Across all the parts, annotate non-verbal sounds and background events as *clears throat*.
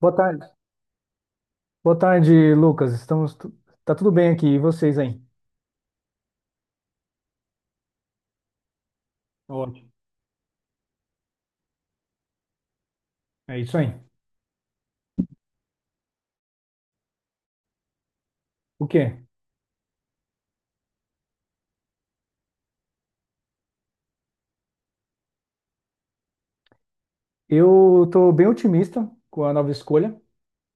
Boa tarde. Boa tarde, Lucas. Tá tudo bem aqui, e vocês aí? Ótimo. É isso aí. O quê? Eu tô bem otimista com a nova escolha,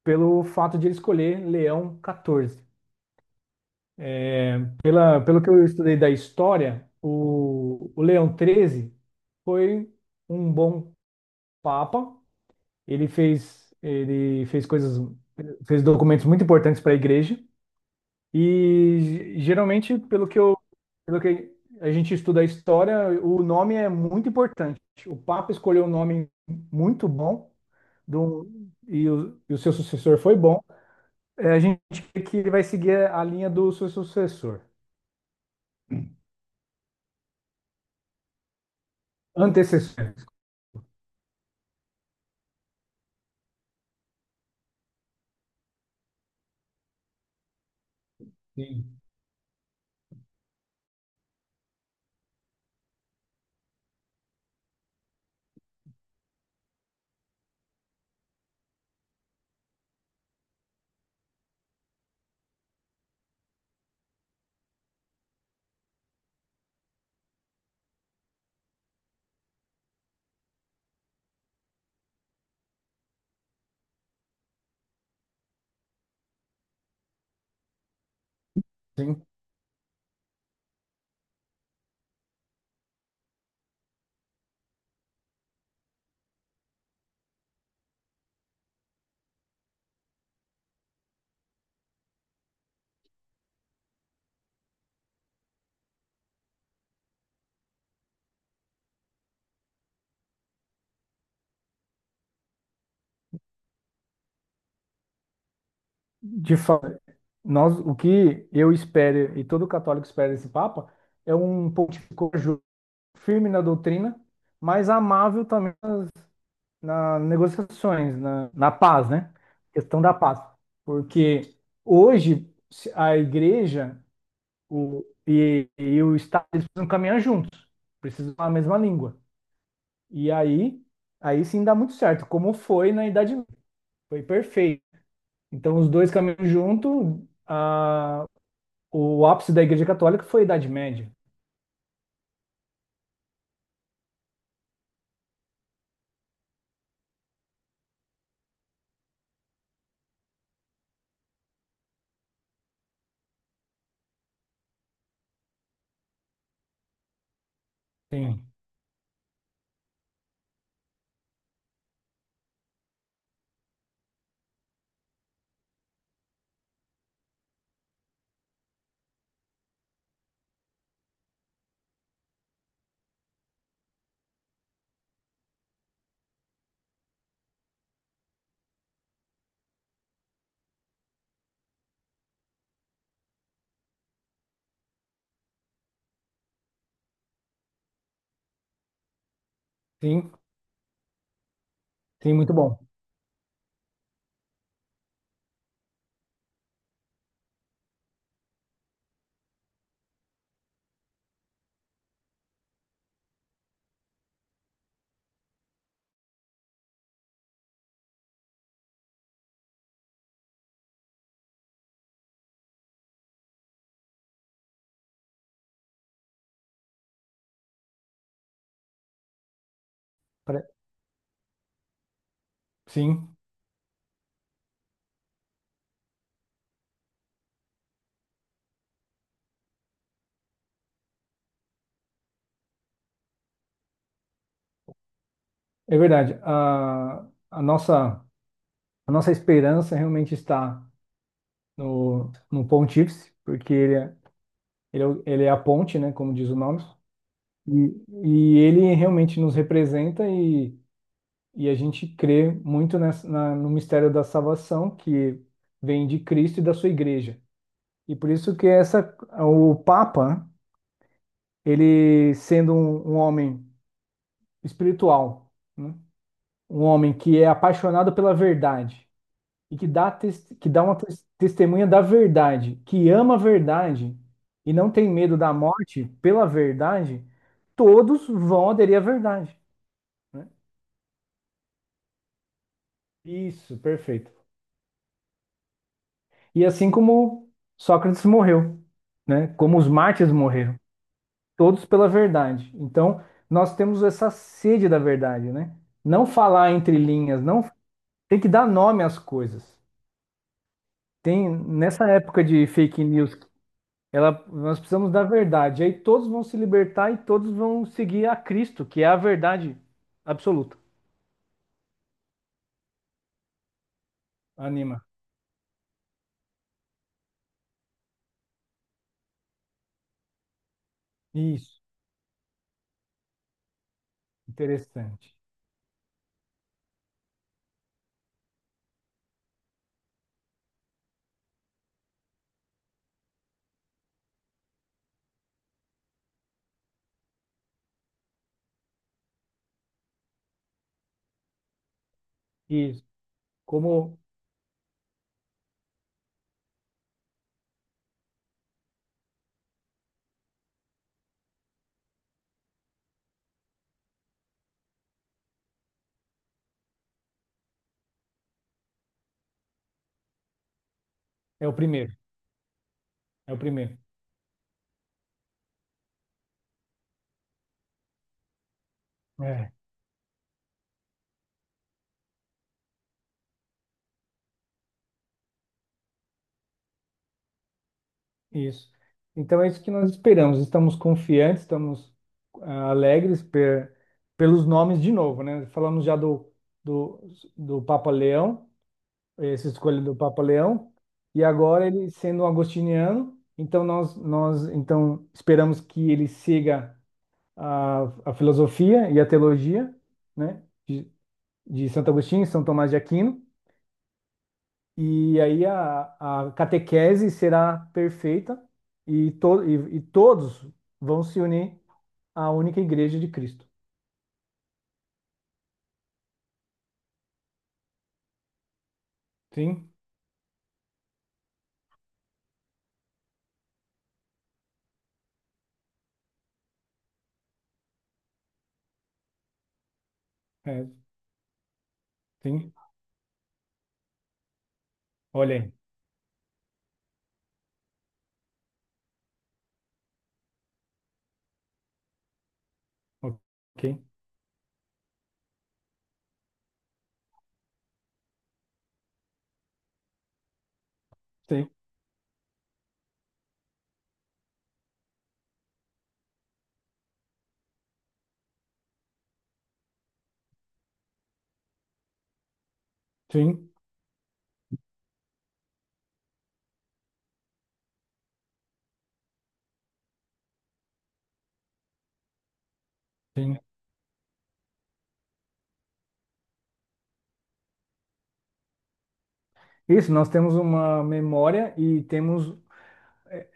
pelo fato de ele escolher Leão 14. Pelo que eu estudei da história, o Leão 13 foi um bom papa. Ele fez coisas, fez documentos muito importantes para a igreja. E geralmente, pelo que a gente estuda a história, o nome é muito importante. O Papa escolheu um nome muito bom do, e o seu sucessor foi bom. É, a gente vê que ele vai seguir a linha do seu sucessor, antecessor. Sim. Sim, de fato, nós, o que eu espero e todo católico espera desse Papa é um pontificador firme na doutrina, mas amável também nas negociações, na paz, né? Questão da paz. Porque hoje se- a igreja e o Estado eles precisam caminhar juntos, precisam falar a mesma língua. E aí, aí sim dá muito certo, como foi na Idade Média. Foi perfeito. Então, os dois caminham junto. O ápice da Igreja Católica foi a Idade Média. Sim, sim, sim, muito bom. Pare- Sim, é verdade. A nossa, a nossa esperança realmente está no Pontífice, porque ele é a ponte, né, como diz o nome, e ele realmente nos representa e a gente crê muito no mistério da salvação que vem de Cristo e da sua igreja. E por isso que o Papa, né, ele sendo um homem espiritual, né, um homem que é apaixonado pela verdade, e que dá uma testemunha da verdade, que ama a verdade e não tem medo da morte pela verdade, todos vão aderir à verdade, né? Isso, perfeito. E assim como Sócrates morreu, né? Como os mártires morreram, todos pela verdade. Então, nós temos essa sede da verdade, né? Não falar entre linhas, não tem que dar nome às coisas. Tem nessa época de fake news ela, nós precisamos da verdade. Aí todos vão se libertar e todos vão seguir a Cristo, que é a verdade absoluta. Anima. Isso. Interessante. Isso. Como é o primeiro. É o primeiro. É. Isso. Então é isso que nós esperamos. Estamos confiantes, estamos alegres pelos nomes de novo, né? Falamos já do, do Papa Leão. Essa escolha do Papa Leão, e agora ele sendo um agostiniano, então nós então esperamos que ele siga a, a filosofia e a teologia, né, de Santo Agostinho e São Tomás de Aquino, e aí a catequese será perfeita e todos vão se unir à única igreja de Cristo. Sim, é, sim, olha aí. Ok, sim, sim, sim. Isso, nós temos uma memória e temos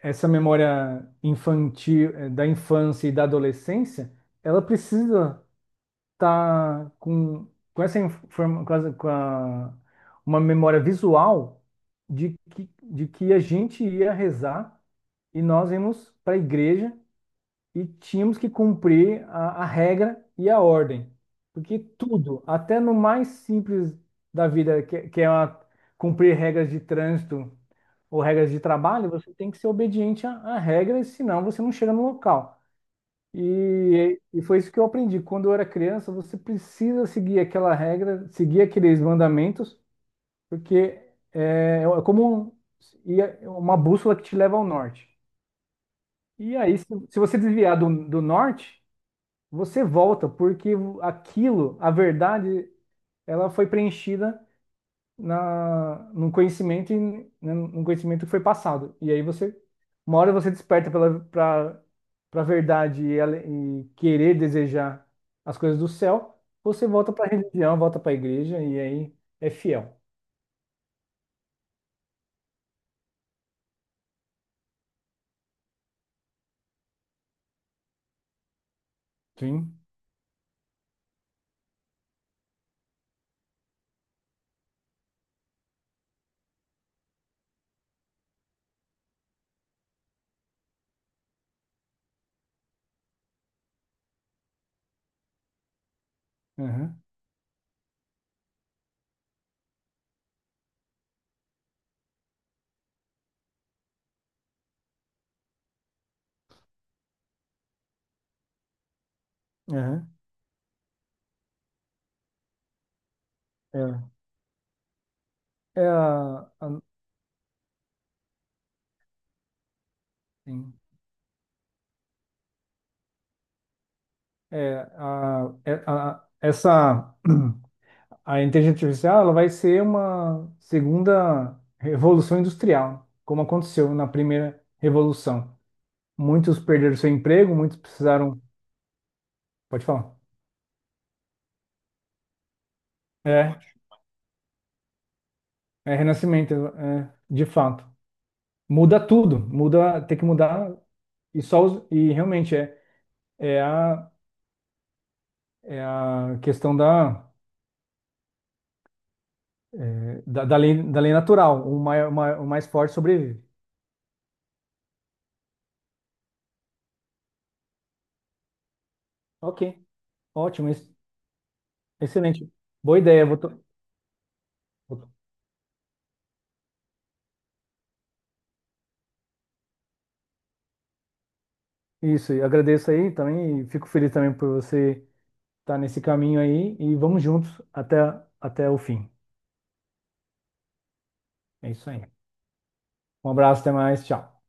essa memória infantil, da infância e da adolescência, ela precisa estar com essa informa, com, essa- com a- uma memória visual de que a gente ia rezar e nós íamos para a igreja e tínhamos que cumprir a regra e a ordem. Porque tudo, até no mais simples da vida, que cumprir regras de trânsito ou regras de trabalho, você tem que ser obediente a regras, senão você não chega no local. E foi isso que eu aprendi. Quando eu era criança, você precisa seguir aquela regra, seguir aqueles mandamentos, porque é como é uma bússola que te leva ao norte. E aí, se você desviar do norte, você volta, porque aquilo, a verdade, ela foi preenchida num conhecimento, né, num conhecimento que foi passado. E aí você, uma hora você desperta pra verdade e querer desejar as coisas do céu, você volta pra religião, volta pra igreja e aí é fiel. Sim. Aham, aham. É, é a, a- sim. Essa *clears throat* a inteligência artificial ela vai ser uma segunda revolução industrial, como aconteceu na primeira revolução. Muitos perderam seu emprego, muitos precisaram. Pode falar. É, é renascimento, é, de fato. Muda tudo, muda, tem que mudar e realmente é a, é a questão da lei natural. O mais, o mais forte sobrevive. Ok, ótimo, excelente. Boa ideia. Vou- Isso, e agradeço aí também e fico feliz também por você estar nesse caminho aí e vamos juntos até, até o fim. É isso aí. Um abraço, até mais, tchau.